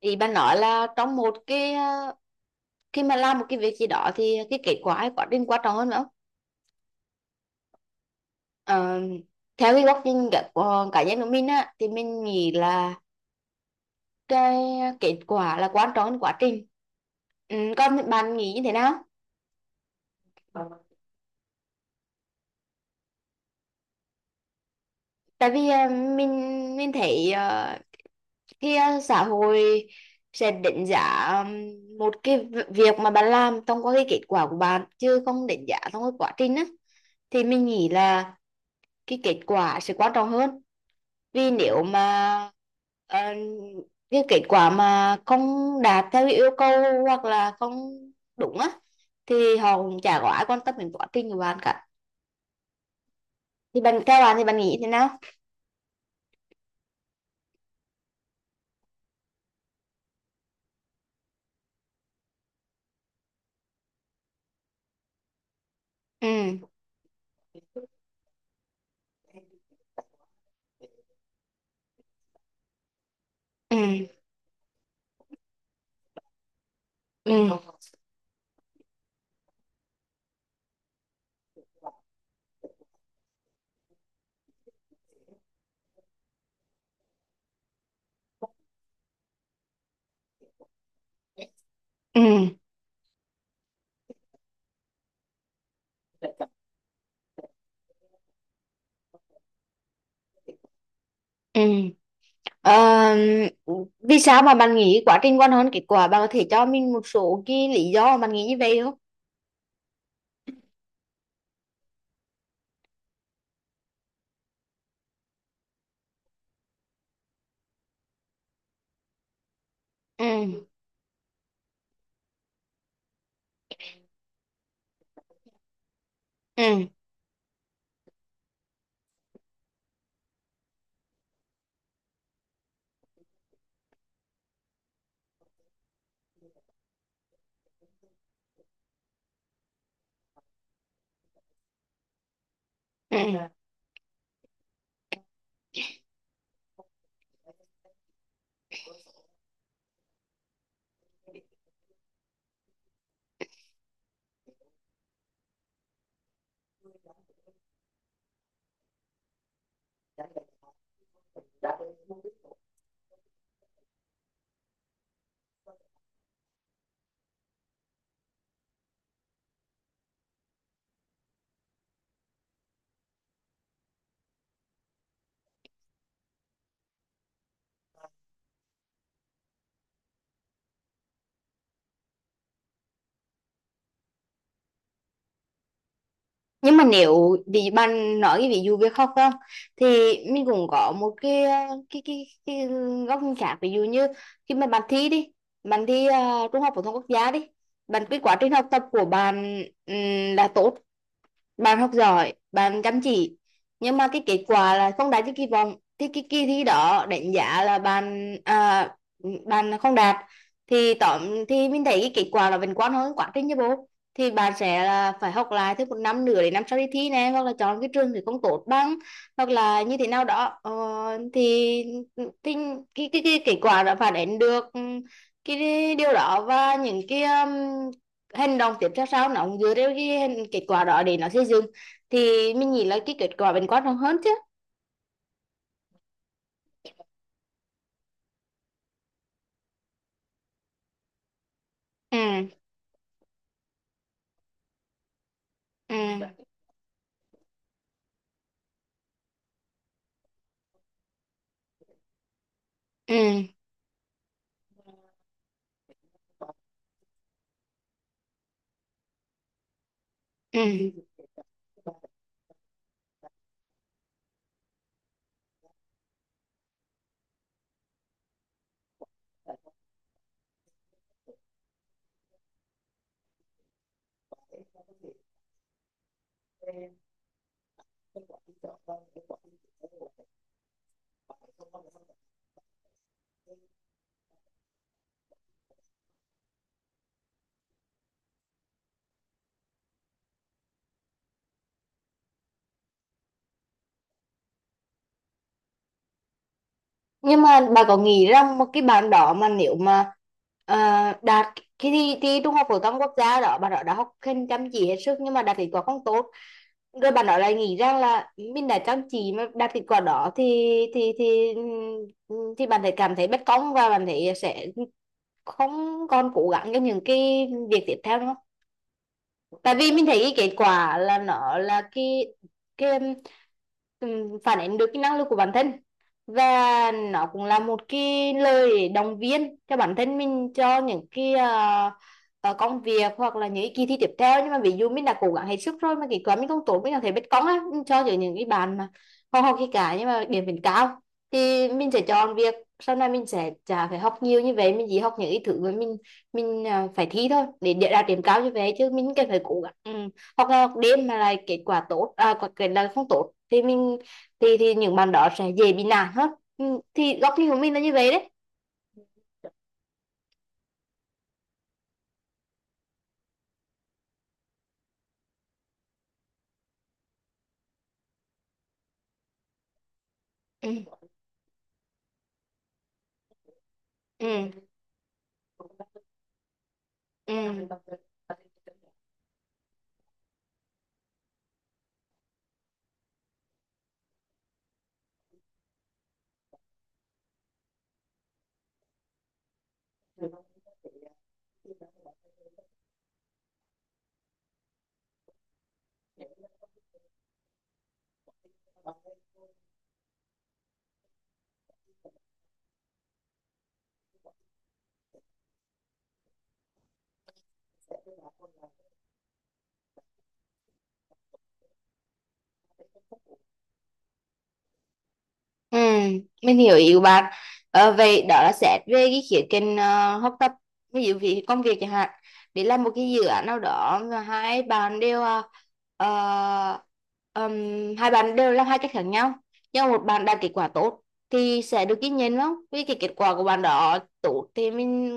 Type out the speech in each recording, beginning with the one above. Ý bà nói là trong một cái khi mà làm một cái việc gì đó thì cái kết quả hay quá trình quan trọng hơn nữa? Ờ, Theo cái góc nhìn của cá nhân của mình á thì mình nghĩ là cái kết quả là quan trọng hơn quá trình. Ừ, còn bạn nghĩ như thế nào? Tại vì mình thấy khi xã hội sẽ đánh giá một cái việc mà bạn làm thông qua cái kết quả của bạn chứ không đánh giá thông qua quá trình á, thì mình nghĩ là cái kết quả sẽ quan trọng hơn. Vì nếu mà ờ, cái kết quả mà không đạt theo cái yêu cầu hoặc là không đúng á thì họ cũng chả có ai quan tâm đến quá trình của bạn cả. Thì bạn Theo bạn thì bạn nghĩ thế nào? Ừ. Ừ. Ừ. Ừ. Ừ. Ờ, Vì sao mà bạn nghĩ quá trình quan hơn kết quả, bạn có thể cho mình một số cái lý do mà bạn nghĩ như vậy không? Ừ. Ừ. Ừ. Nhưng mà nếu bị bạn nói cái ví dụ việc khóc không thì mình cũng có một cái cái góc nhìn khác, ví dụ như khi mà bạn thi đi, bạn thi trung học phổ thông quốc gia đi. Bạn, cái quá trình học tập của bạn là tốt, bạn học giỏi, bạn chăm chỉ, nhưng mà cái kết quả là không đạt như kỳ vọng thì cái kỳ thi đó đánh giá là bạn không đạt. thì tóm thì mình thấy cái kết quả nó vẫn quan hơn quá trình chứ bố. Thì bạn sẽ là phải học lại thêm một năm nữa để năm sau đi thi này, hoặc là chọn cái trường thì không tốt bằng, hoặc là như thế nào đó, thì, thì cái kết quả đã phản ánh được cái điều đó, và những cái hành động tiếp theo sau nó cũng dựa theo cái kết quả đó để nó xây dựng. Thì mình nghĩ là cái kết quả vẫn quan trọng hơn chứ. Ừ. Ừ. Ừ. Ừ. Nhưng mà bà có nghĩ rằng một cái bạn đó mà nếu mà ờ, đạt cái thi trung học phổ thông quốc gia đó, bạn đó đã học hành chăm chỉ hết sức nhưng mà đạt kết quả không tốt, rồi bạn nói lại nghĩ rằng là mình đã chăm chỉ mà đạt kết quả đó thì, thì thì thì bạn thấy cảm thấy bất công và bạn thấy sẽ không còn cố gắng cho những cái việc tiếp theo nữa không? Tại vì mình thấy cái kết quả là nó là cái phản ánh được cái năng lực của bản thân, và nó cũng là một cái lời động viên cho bản thân mình cho những cái công việc hoặc là những cái kỳ thi tiếp theo. Nhưng mà ví dụ mình đã cố gắng hết sức rồi mà kết quả mình không tốt, mình có thể biết cóng á mình cho những cái bạn mà không học gì cả nhưng mà điểm vẫn cao, thì mình sẽ chọn việc sau này mình sẽ chả phải học nhiều như vậy, mình chỉ học những cái thứ mà mình phải thi thôi để đạt điểm cao, như vậy chứ mình cần phải cố gắng, ừ. Hoặc là học đêm mà lại kết quả tốt, à, kết là không tốt thì mình thì những bạn đó sẽ dễ bị nản hơn. Ừ, thì góc nhìn của mình là như vậy đấy. Ừ. Ừ. Ừ. Ừ, mình hiểu ý của bạn. Vậy đó là xét về cái khía cạnh học tập, ví dụ vì công việc chẳng hạn. Để làm một cái dự án nào đó và ờ, hai bạn đều làm hai cách khác nhau. Nhưng một bạn đạt kết quả tốt thì sẽ được ghi nhận không? Vì cái kết quả của bạn đó tốt thì mình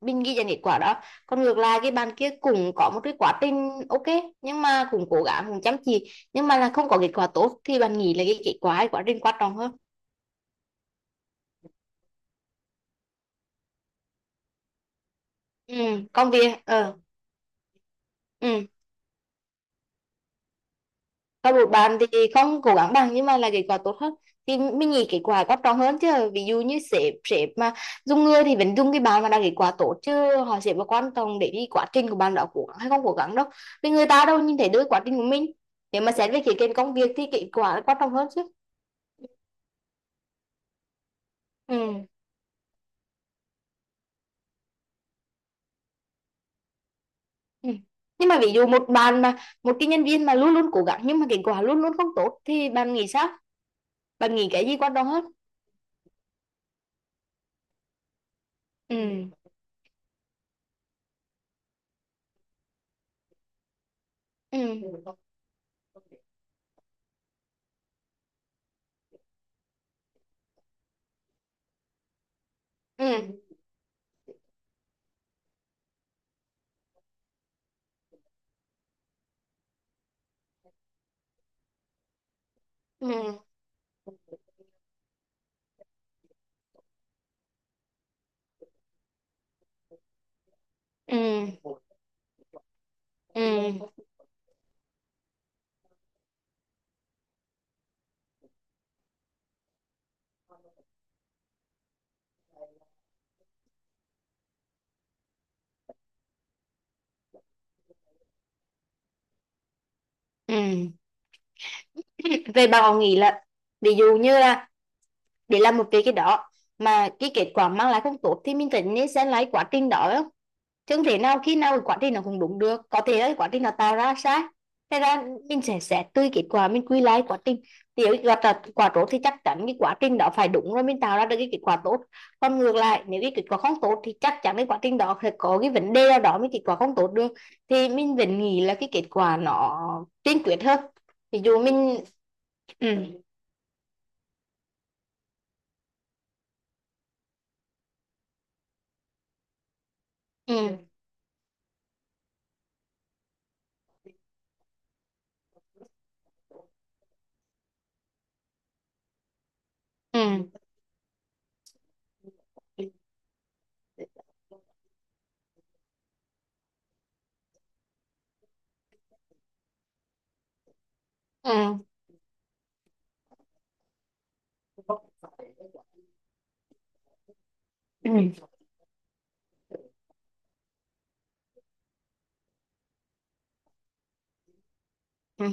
mình ghi nhận kết quả đó. Còn ngược lại cái bạn kia cũng có một cái quá trình ok nhưng mà cũng cố gắng cũng chăm chỉ nhưng mà là không có kết quả tốt thì bạn nghĩ là cái kết quả, cái quá trình quan trọng hơn? Ừ, công việc, ừ, còn một bạn thì không cố gắng bằng nhưng mà là kết quả tốt hơn, thì mình nghĩ kết quả quan trọng hơn chứ. Ví dụ như sếp sếp mà dùng người thì vẫn dùng cái bạn mà đạt kết quả tốt chứ họ sẽ vào quan trọng để đi quá trình của bạn đã cố gắng hay không cố gắng đâu, vì người ta đâu nhìn thấy được quá trình của mình. Nếu mà xét về khía cạnh công việc thì kết quả là quan trọng hơn chứ. Ừ. Ừ. Nhưng mà ví dụ một cái nhân viên mà luôn luôn cố gắng nhưng mà kết quả luôn luôn không tốt thì bạn nghĩ sao? Bạn nghĩ cái gì quan trọng hết? Ừ. Ừ. Ừ. Ừ. Ừ. Ừ. Ừ. Về bạn còn nghĩ là, ví dụ như là, để làm một cái đó mà cái kết quả mang lại không tốt thì mình phải nên xem lại quá trình đó. Chẳng thể nào khi nào cái quá trình nó cũng đúng được, có thể là cái quá trình nó tạo ra sai. Thế ra mình sẽ xét tùy kết quả mình quy lại quá trình. Nếu gặp là quả tốt thì chắc chắn cái quá trình đó phải đúng rồi mình tạo ra được cái kết quả tốt. Còn ngược lại nếu cái kết quả không tốt thì chắc chắn cái quá trình đó phải có cái vấn đề nào đó mới kết quả không tốt được. Thì mình vẫn nghĩ là cái kết quả nó tiên quyết hơn. Ví dụ mình. Ừ. Ừ. Ừ. Ừ. Ừ. Ừ. Ừ.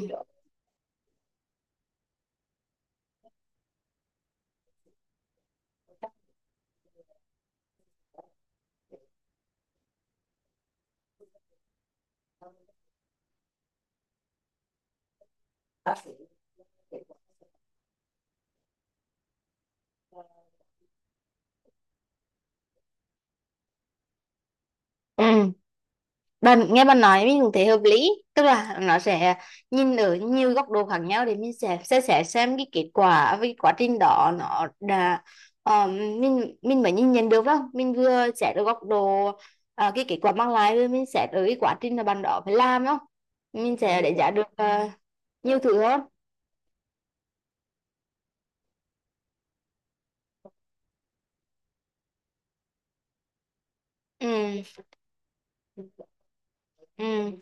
Ừ. Bạn nghe bạn nói mình cũng thấy hợp lý, tức là nó sẽ nhìn ở nhiều góc độ khác nhau để mình sẽ xem cái kết quả với cái quá trình đó nó đã, mình mới nhìn nhận được, phải không? Mình vừa xét ở góc độ cái kết quả mang lại, rồi mình xét ở cái quá trình mà bạn đó phải làm, đúng không? Mình sẽ đúng đánh giá được nhiều thứ hơn. Ừ. Ừ.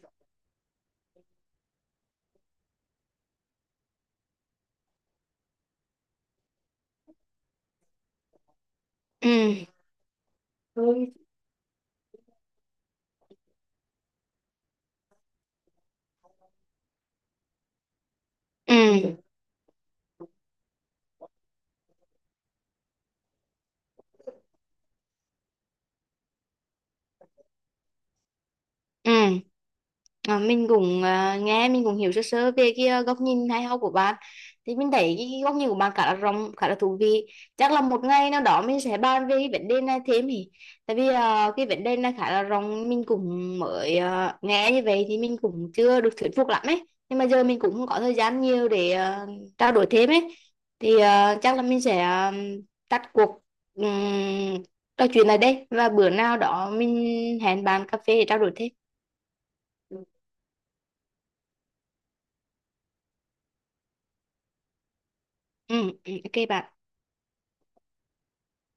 Ừ. Ừ. Ừ. À, mình cũng nghe mình cũng hiểu sơ sơ về cái góc nhìn hay ho của bạn. Thì mình thấy cái góc nhìn của bạn khá là rộng, khá là thú vị. Chắc là một ngày nào đó mình sẽ bàn về cái vấn đề này thêm. Thì tại vì cái vấn đề này khá là rộng, mình cũng mới nghe như vậy thì mình cũng chưa được thuyết phục lắm ấy. Nhưng mà giờ mình cũng không có thời gian nhiều để trao đổi thêm ấy. Thì chắc là mình sẽ tắt cuộc um, trò chuyện này đây, và bữa nào đó mình hẹn bạn cà phê để trao đổi thêm. Ừ, ừ, ok bạn.